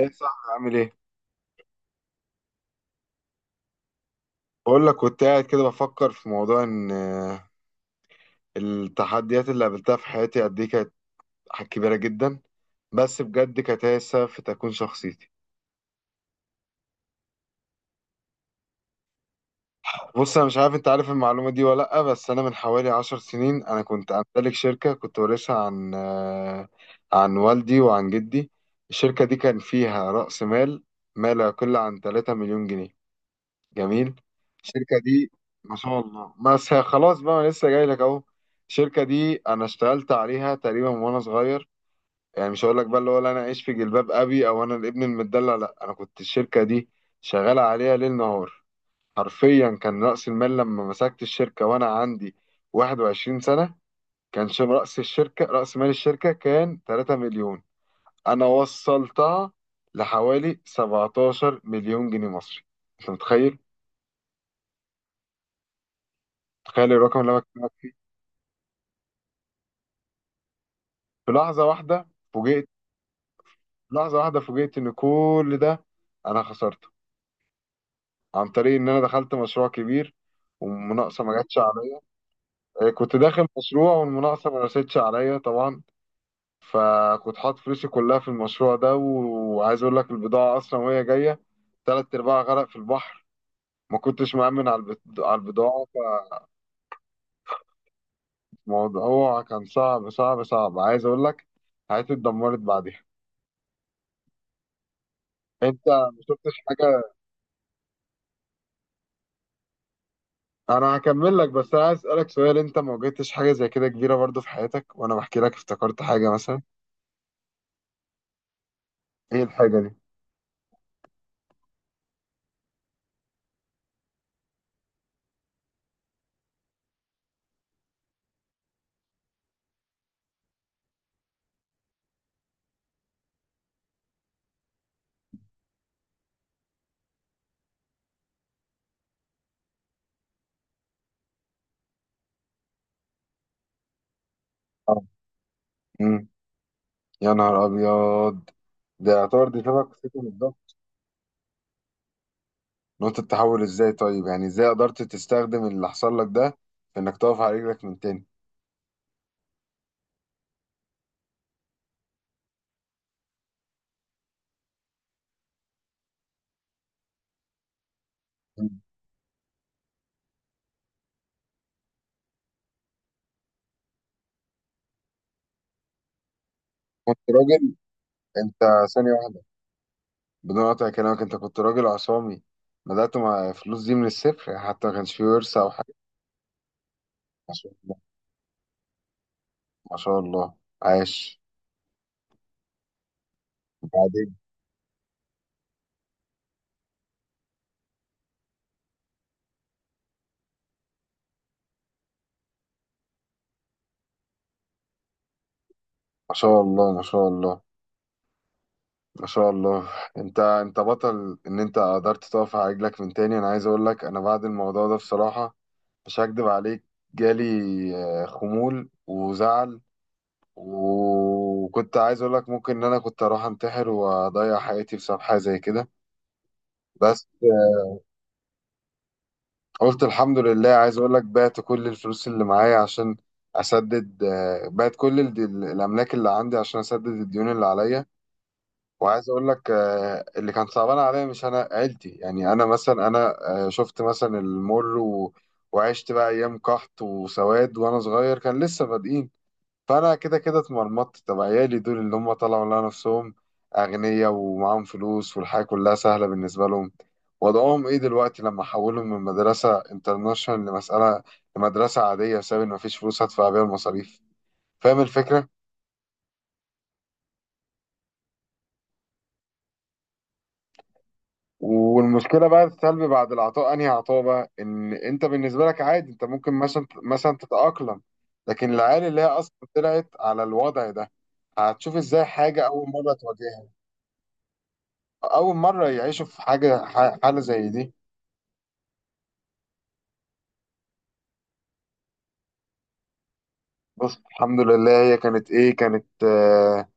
ايه صح؟ عامل ايه؟ بقول لك كنت قاعد كده بفكر في موضوع ان التحديات اللي قابلتها في حياتي قد ايه كانت كبيره جدا، بس بجد كانت هي السبب في تكوين شخصيتي. بص انا مش عارف انت عارف المعلومه دي ولا لا، بس انا من حوالي عشر سنين انا كنت امتلك شركه، كنت وارثها عن عن والدي وعن جدي. الشركه دي كان فيها راس مال ما لا يقل عن 3 مليون جنيه. جميل. الشركة دي ما شاء الله، بس هي خلاص بقى، انا لسه جاي لك اهو. الشركة دي انا اشتغلت عليها تقريبا وانا صغير، يعني مش هقول لك بقى اللي هو لا انا عايش في جلباب ابي او انا الابن المدلع، لا، انا كنت الشركة دي شغال عليها ليل نهار حرفيا. كان رأس المال لما مسكت الشركة وانا عندي 21 سنة، كان رأس الشركة، رأس مال الشركة كان 3 مليون، انا وصلتها لحوالي 17 مليون جنيه مصري. انت متخيل؟ تخيل الرقم اللي انا بكلمك. في لحظة واحدة فوجئت، لحظة واحدة فوجئت إن كل ده أنا خسرته، عن طريق إن أنا دخلت مشروع كبير والمناقصة ما جاتش عليا. كنت داخل مشروع والمناقصة ما رستش عليا طبعا، فكنت حاطط فلوسي كلها في المشروع ده، وعايز أقول لك البضاعة أصلا وهي جاية تلات أرباعها غرق في البحر، ما كنتش مأمن على على البضاعة. فالموضوع كان صعب صعب صعب، عايز أقول لك حياتي اتدمرت بعدها. أنت ما شفتش حاجة، انا هكمل لك، بس انا عايز اسالك سؤال: انت ما واجهتش حاجه زي كده كبيره برضو في حياتك وانا بحكي لك افتكرت حاجه مثلا؟ ايه الحاجه دي؟ اه. امم يا نهار ابيض، ده يعتبر دي شبه قصتي بالظبط. نقطه التحول ازاي طيب؟ يعني ازاي قدرت تستخدم اللي حصل لك ده في انك تقف على رجلك من تاني؟ مم. كنت راجل انت، ثانيه واحده بدون قطع كلامك، انت كنت راجل عصامي، بدأت مع فلوس دي من الصفر، حتى ما كانش فيه ورثة أو حاجة؟ ما شاء الله. ما شاء الله. عاش. بعدين؟ ما شاء الله ما شاء الله ما شاء الله. انت انت بطل ان انت قدرت تقف على رجلك من تاني. انا عايز اقول لك انا بعد الموضوع ده بصراحة، مش هكدب عليك، جالي خمول وزعل، وكنت عايز اقول لك ممكن ان انا كنت اروح انتحر واضيع حياتي بسبب حاجة زي كده. بس قلت الحمد لله. عايز اقول لك بعت كل الفلوس اللي معايا عشان اسدد، بعت كل الاملاك اللي عندي عشان اسدد الديون اللي عليا. وعايز اقول لك اللي كان صعبان عليا مش انا، عيلتي، يعني انا مثلا انا شفت مثلا وعشت بقى ايام قحط وسواد وانا صغير كان لسه بادئين، فانا كده كده اتمرمطت. طب عيالي دول اللي هم طلعوا لنا نفسهم اغنياء ومعاهم فلوس والحياه كلها سهله بالنسبه لهم، وضعهم ايه دلوقتي لما حولهم من مدرسه انترناشونال لمساله، لمدرسه عاديه بسبب ان مفيش فلوس هدفع بيها المصاريف؟ فاهم الفكره؟ والمشكله بقى السلبي بعد العطاء، انهي عطاء بقى؟ ان انت بالنسبه لك عادي، انت ممكن مثلا تتاقلم، لكن العيال اللي هي اصلا طلعت على الوضع ده هتشوف ازاي حاجه اول مره تواجهها، اول مره يعيشوا في حاجه حاله زي دي. بص الحمد لله، هي كانت ايه؟ كانت آه،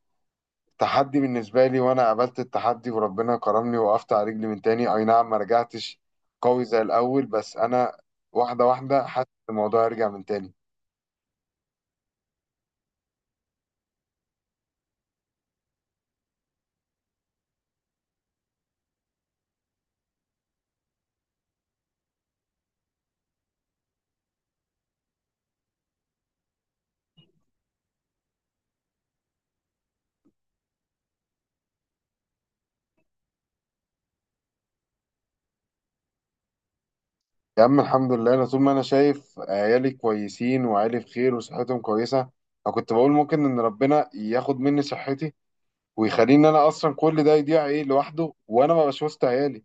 تحدي بالنسبه لي، وانا قابلت التحدي وربنا كرمني، وقفت على رجلي من تاني. اي نعم ما رجعتش قوي زي الاول، بس انا واحده واحده حاسس إن الموضوع يرجع من تاني. يا عم الحمد لله، انا طول ما انا شايف عيالي كويسين وعيالي بخير وصحتهم كويسه، انا كنت بقول ممكن ان ربنا ياخد مني صحتي ويخليني انا اصلا كل ده يضيع ايه لوحده، وانا ما بشوفش عيالي.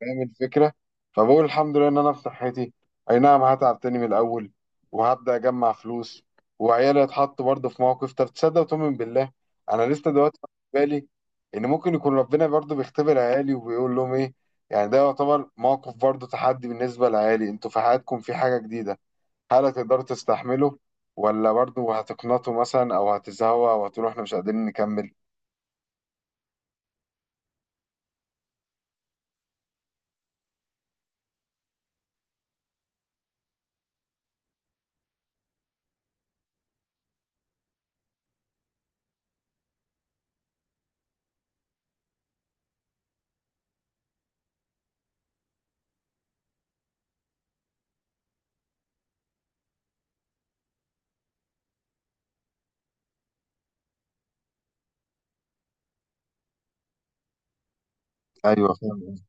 فاهم الفكرة؟ فبقول الحمد لله إن أنا في صحتي. أي نعم هتعب تاني من الأول وهبدأ أجمع فلوس، وعيالي هيتحطوا برضه في موقف. طب تصدق وتؤمن بالله، أنا لسه دلوقتي في بالي إن ممكن يكون ربنا برضه بيختبر عيالي وبيقول لهم إيه؟ يعني ده يعتبر موقف برضه تحدي بالنسبة لعيالي، أنتوا في حياتكم في حاجة جديدة، هل هتقدروا تستحملوا؟ ولا برضه هتقنطوا مثلا أو هتزهقوا أو هتقولوا إحنا مش قادرين نكمل؟ أيوه فاهم.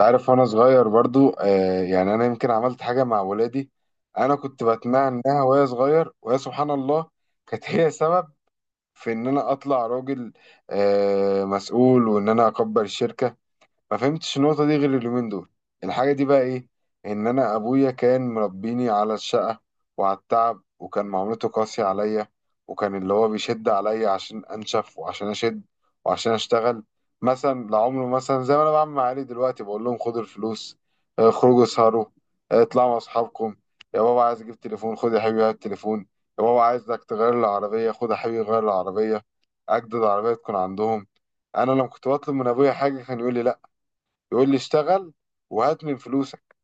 عارف، وانا صغير برضو آه، يعني انا يمكن عملت حاجه مع ولادي. انا كنت بتمنى انها وهي صغير، وهي سبحان الله كانت هي سبب في ان انا اطلع راجل آه، مسؤول، وان انا اكبر الشركه. ما فهمتش النقطة دي غير اليومين دول. الحاجة دي بقى ايه؟ ان انا ابويا كان مربيني على الشقة وعلى التعب، وكان معاملته قاسية عليا، وكان اللي هو بيشد عليا عشان انشف وعشان اشد وعشان اشتغل. مثلا لعمره، مثلا زي ما انا بعمل مع عيالي دلوقتي، بقول لهم خدوا الفلوس، خرجوا اسهروا، اطلعوا مع اصحابكم. يا بابا عايز اجيب تليفون، خد يا حبيبي هات التليفون. يا بابا عايزك تغير العربية، خد يا حبيبي غير العربية، اجدد عربية تكون عندهم. انا لما كنت بطلب من ابويا حاجة كان يقول لي لا، يقول لي اشتغل وهات من فلوسك.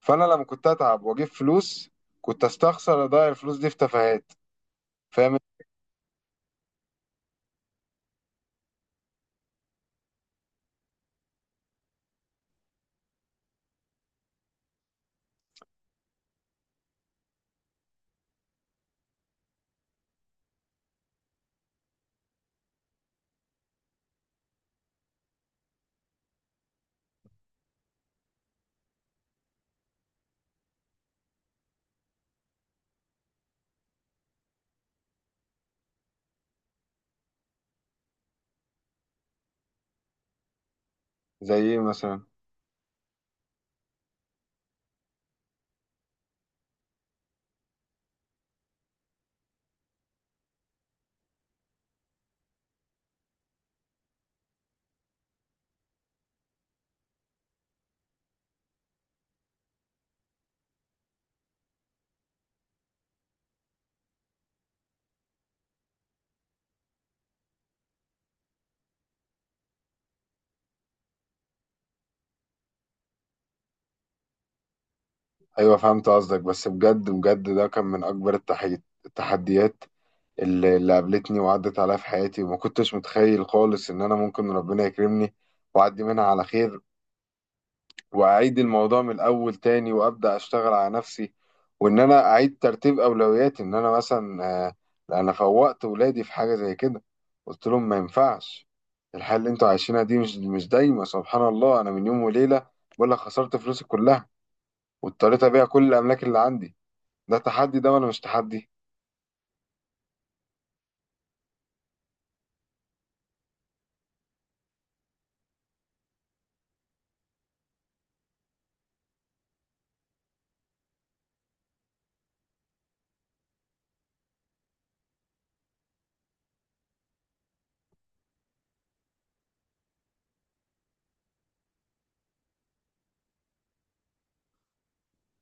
فانا لما كنت اتعب واجيب فلوس، كنت استخسر اضيع الفلوس دي في تفاهات. فاهم؟ زي ايه مثلا؟ ايوه فهمت قصدك. بس بجد بجد ده كان من اكبر التحديات اللي قابلتني وعدت عليا في حياتي، وما كنتش متخيل خالص ان انا ممكن ربنا يكرمني واعدي منها على خير، واعيد الموضوع من الاول تاني وابدا اشتغل على نفسي، وان انا اعيد ترتيب اولوياتي. ان انا مثلا انا فوقت ولادي في حاجه زي كده، قلت لهم ما ينفعش الحياه اللي انتوا عايشينها دي، مش دايما. سبحان الله انا من يوم وليله بقول لك خسرت فلوسي كلها، واضطريت ابيع كل الاملاك اللي عندي، ده تحدي ده ولا مش تحدي؟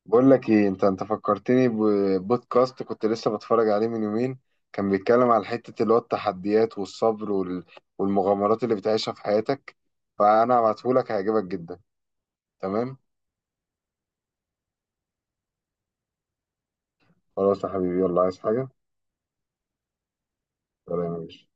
بقول لك ايه، انت انت فكرتني ببودكاست كنت لسه بتفرج عليه من يومين، كان بيتكلم على حتة اللي هو التحديات والصبر والمغامرات اللي بتعيشها في حياتك، فانا هبعتهولك هيعجبك جدا. تمام؟ خلاص يا حبيبي، يلا، عايز حاجة؟ سلام يا باشا.